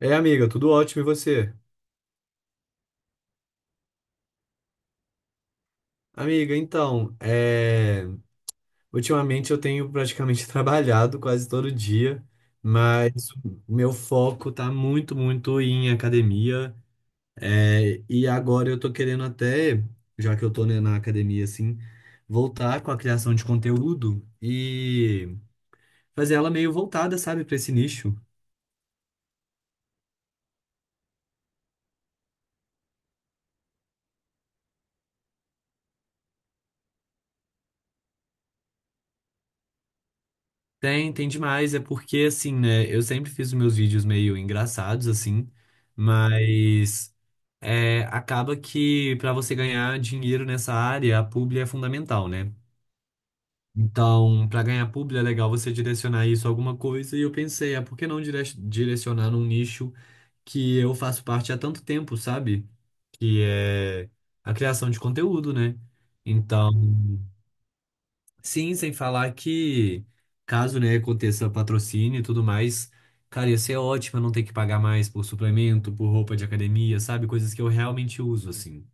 É, amiga, tudo ótimo e você? Amiga, então, ultimamente eu tenho praticamente trabalhado quase todo dia, mas o meu foco tá muito, muito em academia. E agora eu tô querendo até, já que eu tô, né, na academia, assim, voltar com a criação de conteúdo e fazer ela meio voltada, sabe, pra esse nicho. Tem, tem demais, é porque, assim, né, eu sempre fiz os meus vídeos meio engraçados, assim, mas, acaba que para você ganhar dinheiro nessa área, a publi é fundamental, né? Então, para ganhar publi é legal você direcionar isso a alguma coisa. E eu pensei, ah, por que não direcionar num nicho que eu faço parte há tanto tempo, sabe? Que é a criação de conteúdo, né? Então, sim, sem falar que caso, né, aconteça patrocínio e tudo mais, cara, ia ser ótimo eu não ter que pagar mais por suplemento, por roupa de academia, sabe? Coisas que eu realmente uso, assim.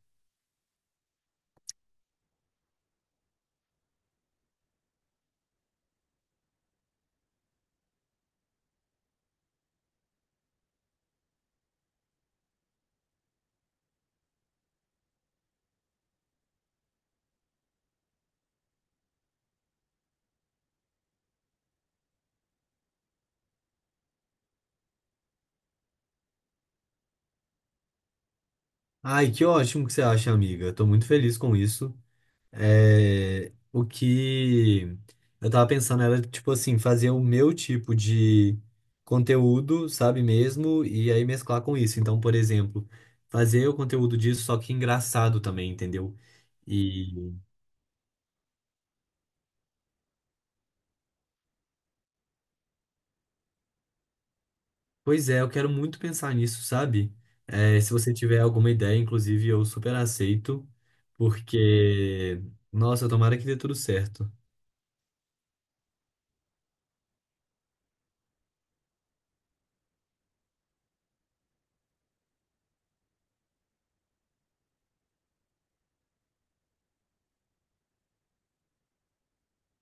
Ai, que ótimo que você acha, amiga. Eu tô muito feliz com isso. O que eu tava pensando era, tipo assim, fazer o meu tipo de conteúdo, sabe mesmo? E aí mesclar com isso. Então, por exemplo, fazer o conteúdo disso, só que engraçado também, entendeu? E, pois é, eu quero muito pensar nisso, sabe? Se você tiver alguma ideia, inclusive, eu super aceito, porque, nossa, tomara que dê tudo certo.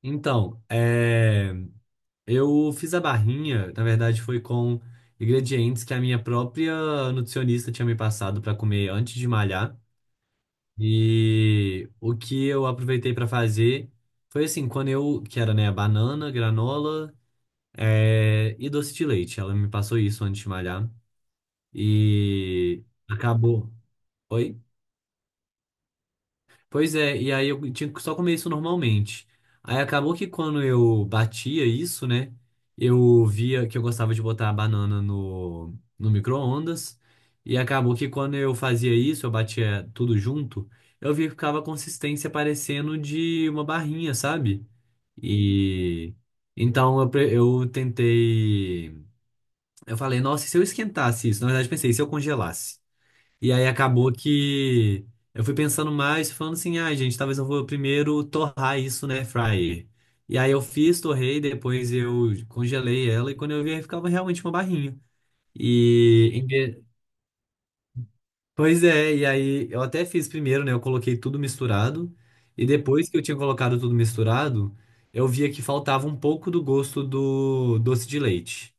Então, eu fiz a barrinha, na verdade foi com ingredientes que a minha própria nutricionista tinha me passado para comer antes de malhar. E o que eu aproveitei para fazer foi assim, quando eu, que era, né, banana, granola, e doce de leite. Ela me passou isso antes de malhar e acabou. Oi? Pois é, e aí eu tinha que só comer isso normalmente. Aí acabou que quando eu batia isso, né? Eu via que eu gostava de botar a banana no micro-ondas. E acabou que quando eu fazia isso, eu batia tudo junto, eu vi que ficava a consistência parecendo de uma barrinha, sabe? E então eu tentei. Eu falei, nossa, e se eu esquentasse isso? Na verdade, pensei, e se eu congelasse? E aí acabou que eu fui pensando mais, falando assim, ai, gente, talvez eu vou primeiro torrar isso, né, fryer. E aí eu fiz, torrei, depois eu congelei ela e quando eu vi, ficava realmente uma barrinha. E em vez- pois é, e aí eu até fiz primeiro, né, eu coloquei tudo misturado e depois que eu tinha colocado tudo misturado, eu via que faltava um pouco do gosto do doce de leite.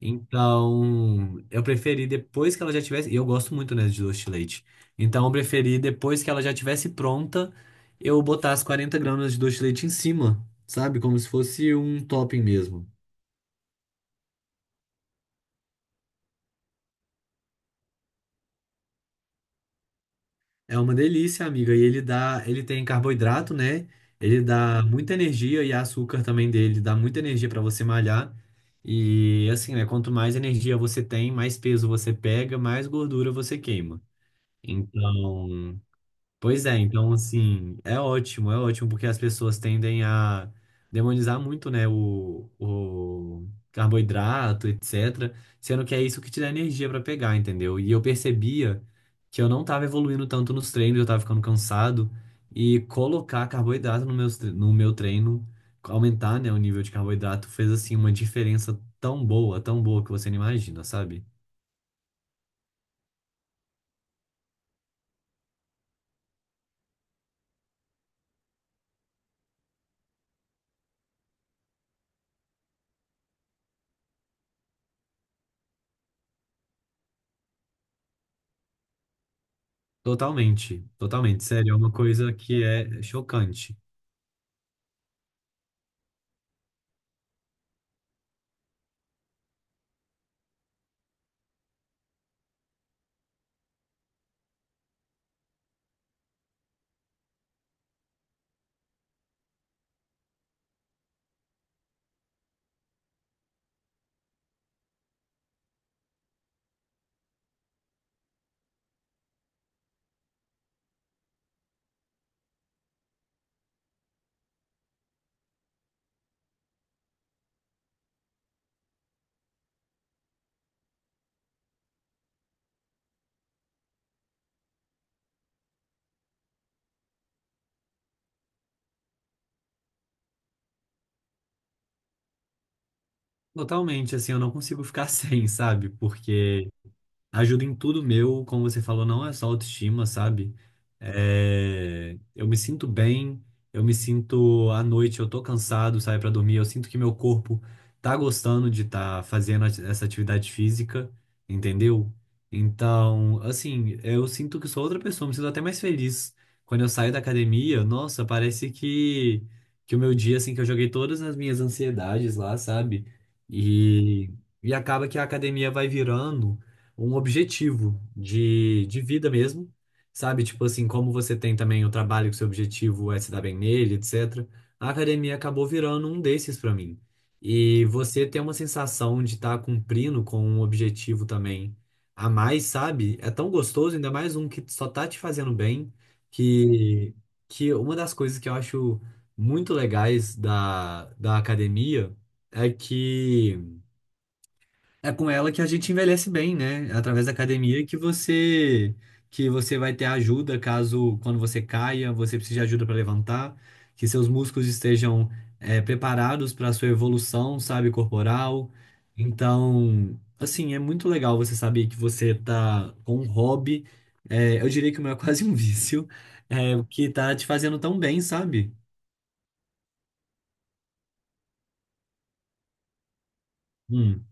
Então, eu preferi depois que ela já tivesse. E eu gosto muito, né, de doce de leite. Então, eu preferi depois que ela já tivesse pronta, eu botar as 40 gramas de doce de leite em cima, sabe? Como se fosse um topping mesmo. É uma delícia, amiga. E ele dá, ele tem carboidrato, né? Ele dá muita energia e açúcar também dele dá muita energia pra você malhar. E assim, né? Quanto mais energia você tem, mais peso você pega, mais gordura você queima. Então, pois é, então assim, é ótimo, porque as pessoas tendem a demonizar muito, né, o carboidrato, etc. Sendo que é isso que te dá energia pra pegar, entendeu? E eu percebia que eu não tava evoluindo tanto nos treinos, eu tava ficando cansado, e colocar carboidrato no meu treino, aumentar, né, o nível de carboidrato, fez assim uma diferença tão boa que você não imagina, sabe? Totalmente, totalmente, sério, é uma coisa que é chocante. Totalmente, assim, eu não consigo ficar sem, sabe? Porque ajuda em tudo meu, como você falou, não é só autoestima, sabe? Eu me sinto bem, eu me sinto à noite, eu tô cansado, saio pra dormir, eu sinto que meu corpo tá gostando de estar fazendo essa atividade física, entendeu? Então, assim, eu sinto que sou outra pessoa, me sinto até mais feliz. Quando eu saio da academia, nossa, parece que, o meu dia, assim, que eu joguei todas as minhas ansiedades lá, sabe? E, e acaba que a academia vai virando um objetivo de vida mesmo, sabe? Tipo assim, como você tem também o trabalho que seu objetivo é se dar bem nele, etc. A academia acabou virando um desses pra mim. E você ter uma sensação de estar cumprindo com um objetivo também a mais, sabe? É tão gostoso, ainda mais um que só tá te fazendo bem, que, que uma das coisas que eu acho muito legais da academia é que é com ela que a gente envelhece bem, né? Através da academia que você vai ter ajuda caso quando você caia, você precise de ajuda para levantar, que seus músculos estejam preparados para a sua evolução, sabe, corporal. Então, assim, é muito legal você saber que você tá com um hobby, eu diria que o meu é quase um vício, que tá te fazendo tão bem, sabe? Hum.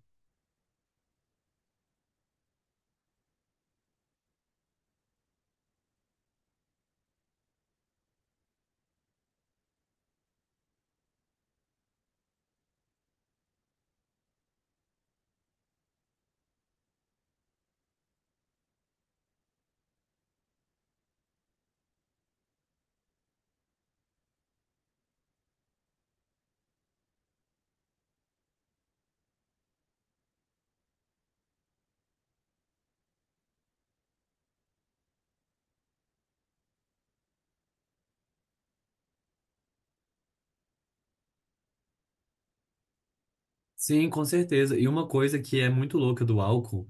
Sim, com certeza. E uma coisa que é muito louca do álcool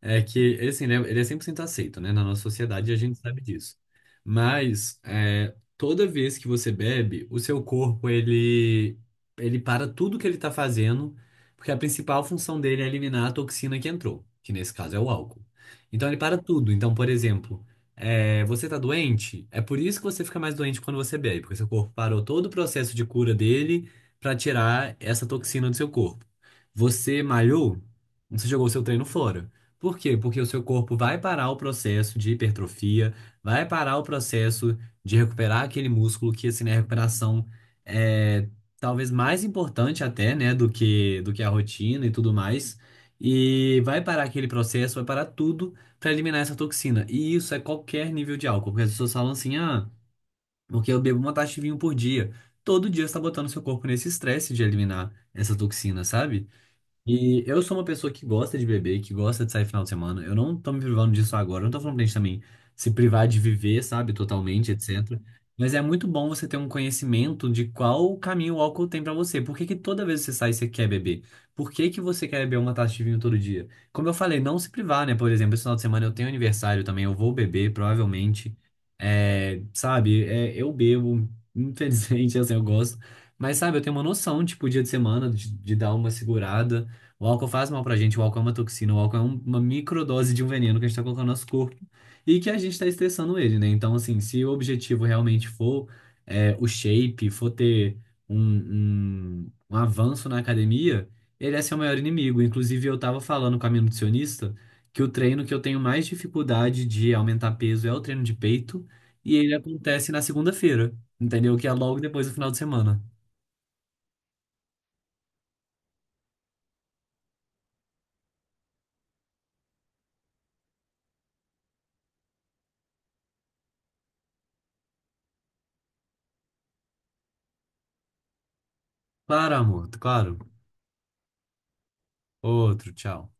é que, ele, assim, ele é 100% aceito, né? Na nossa sociedade, e a gente sabe disso. Mas, toda vez que você bebe, o seu corpo, ele para tudo que ele tá fazendo, porque a principal função dele é eliminar a toxina que entrou, que nesse caso é o álcool. Então, ele para tudo. Então, por exemplo, você tá doente, é por isso que você fica mais doente quando você bebe, porque seu corpo parou todo o processo de cura dele para tirar essa toxina do seu corpo. Você malhou, você jogou seu treino fora. Por quê? Porque o seu corpo vai parar o processo de hipertrofia, vai parar o processo de recuperar aquele músculo que, assim, né, a recuperação é talvez mais importante até, né, do que a rotina e tudo mais. E vai parar aquele processo, vai parar tudo para eliminar essa toxina. E isso é qualquer nível de álcool, porque as pessoas falam assim, ah, porque eu bebo uma taça de vinho por dia. Todo dia você está botando seu corpo nesse estresse de eliminar essa toxina, sabe? E eu sou uma pessoa que gosta de beber, que gosta de sair final de semana. Eu não tô me privando disso agora. Eu não tô falando pra gente também se privar de viver, sabe, totalmente, etc. Mas é muito bom você ter um conhecimento de qual caminho o álcool tem pra você. Por que que toda vez que você sai, você quer beber? Por que que você quer beber uma taça de vinho todo dia? Como eu falei, não se privar, né? Por exemplo, esse final de semana eu tenho aniversário também, eu vou beber, provavelmente. Sabe, eu bebo, infelizmente, assim, eu gosto. Mas, sabe, eu tenho uma noção, tipo, dia de semana, de dar uma segurada. O álcool faz mal pra gente, o álcool é uma toxina, o álcool é uma microdose de um veneno que a gente tá colocando no nosso corpo e que a gente tá estressando ele, né? Então, assim, se o objetivo realmente for o shape, for ter um avanço na academia, ele é seu maior inimigo. Inclusive, eu tava falando com a minha nutricionista que o treino que eu tenho mais dificuldade de aumentar peso é o treino de peito e ele acontece na segunda-feira, entendeu? Que é logo depois do final de semana. Claro, amor, claro. Outro, tchau.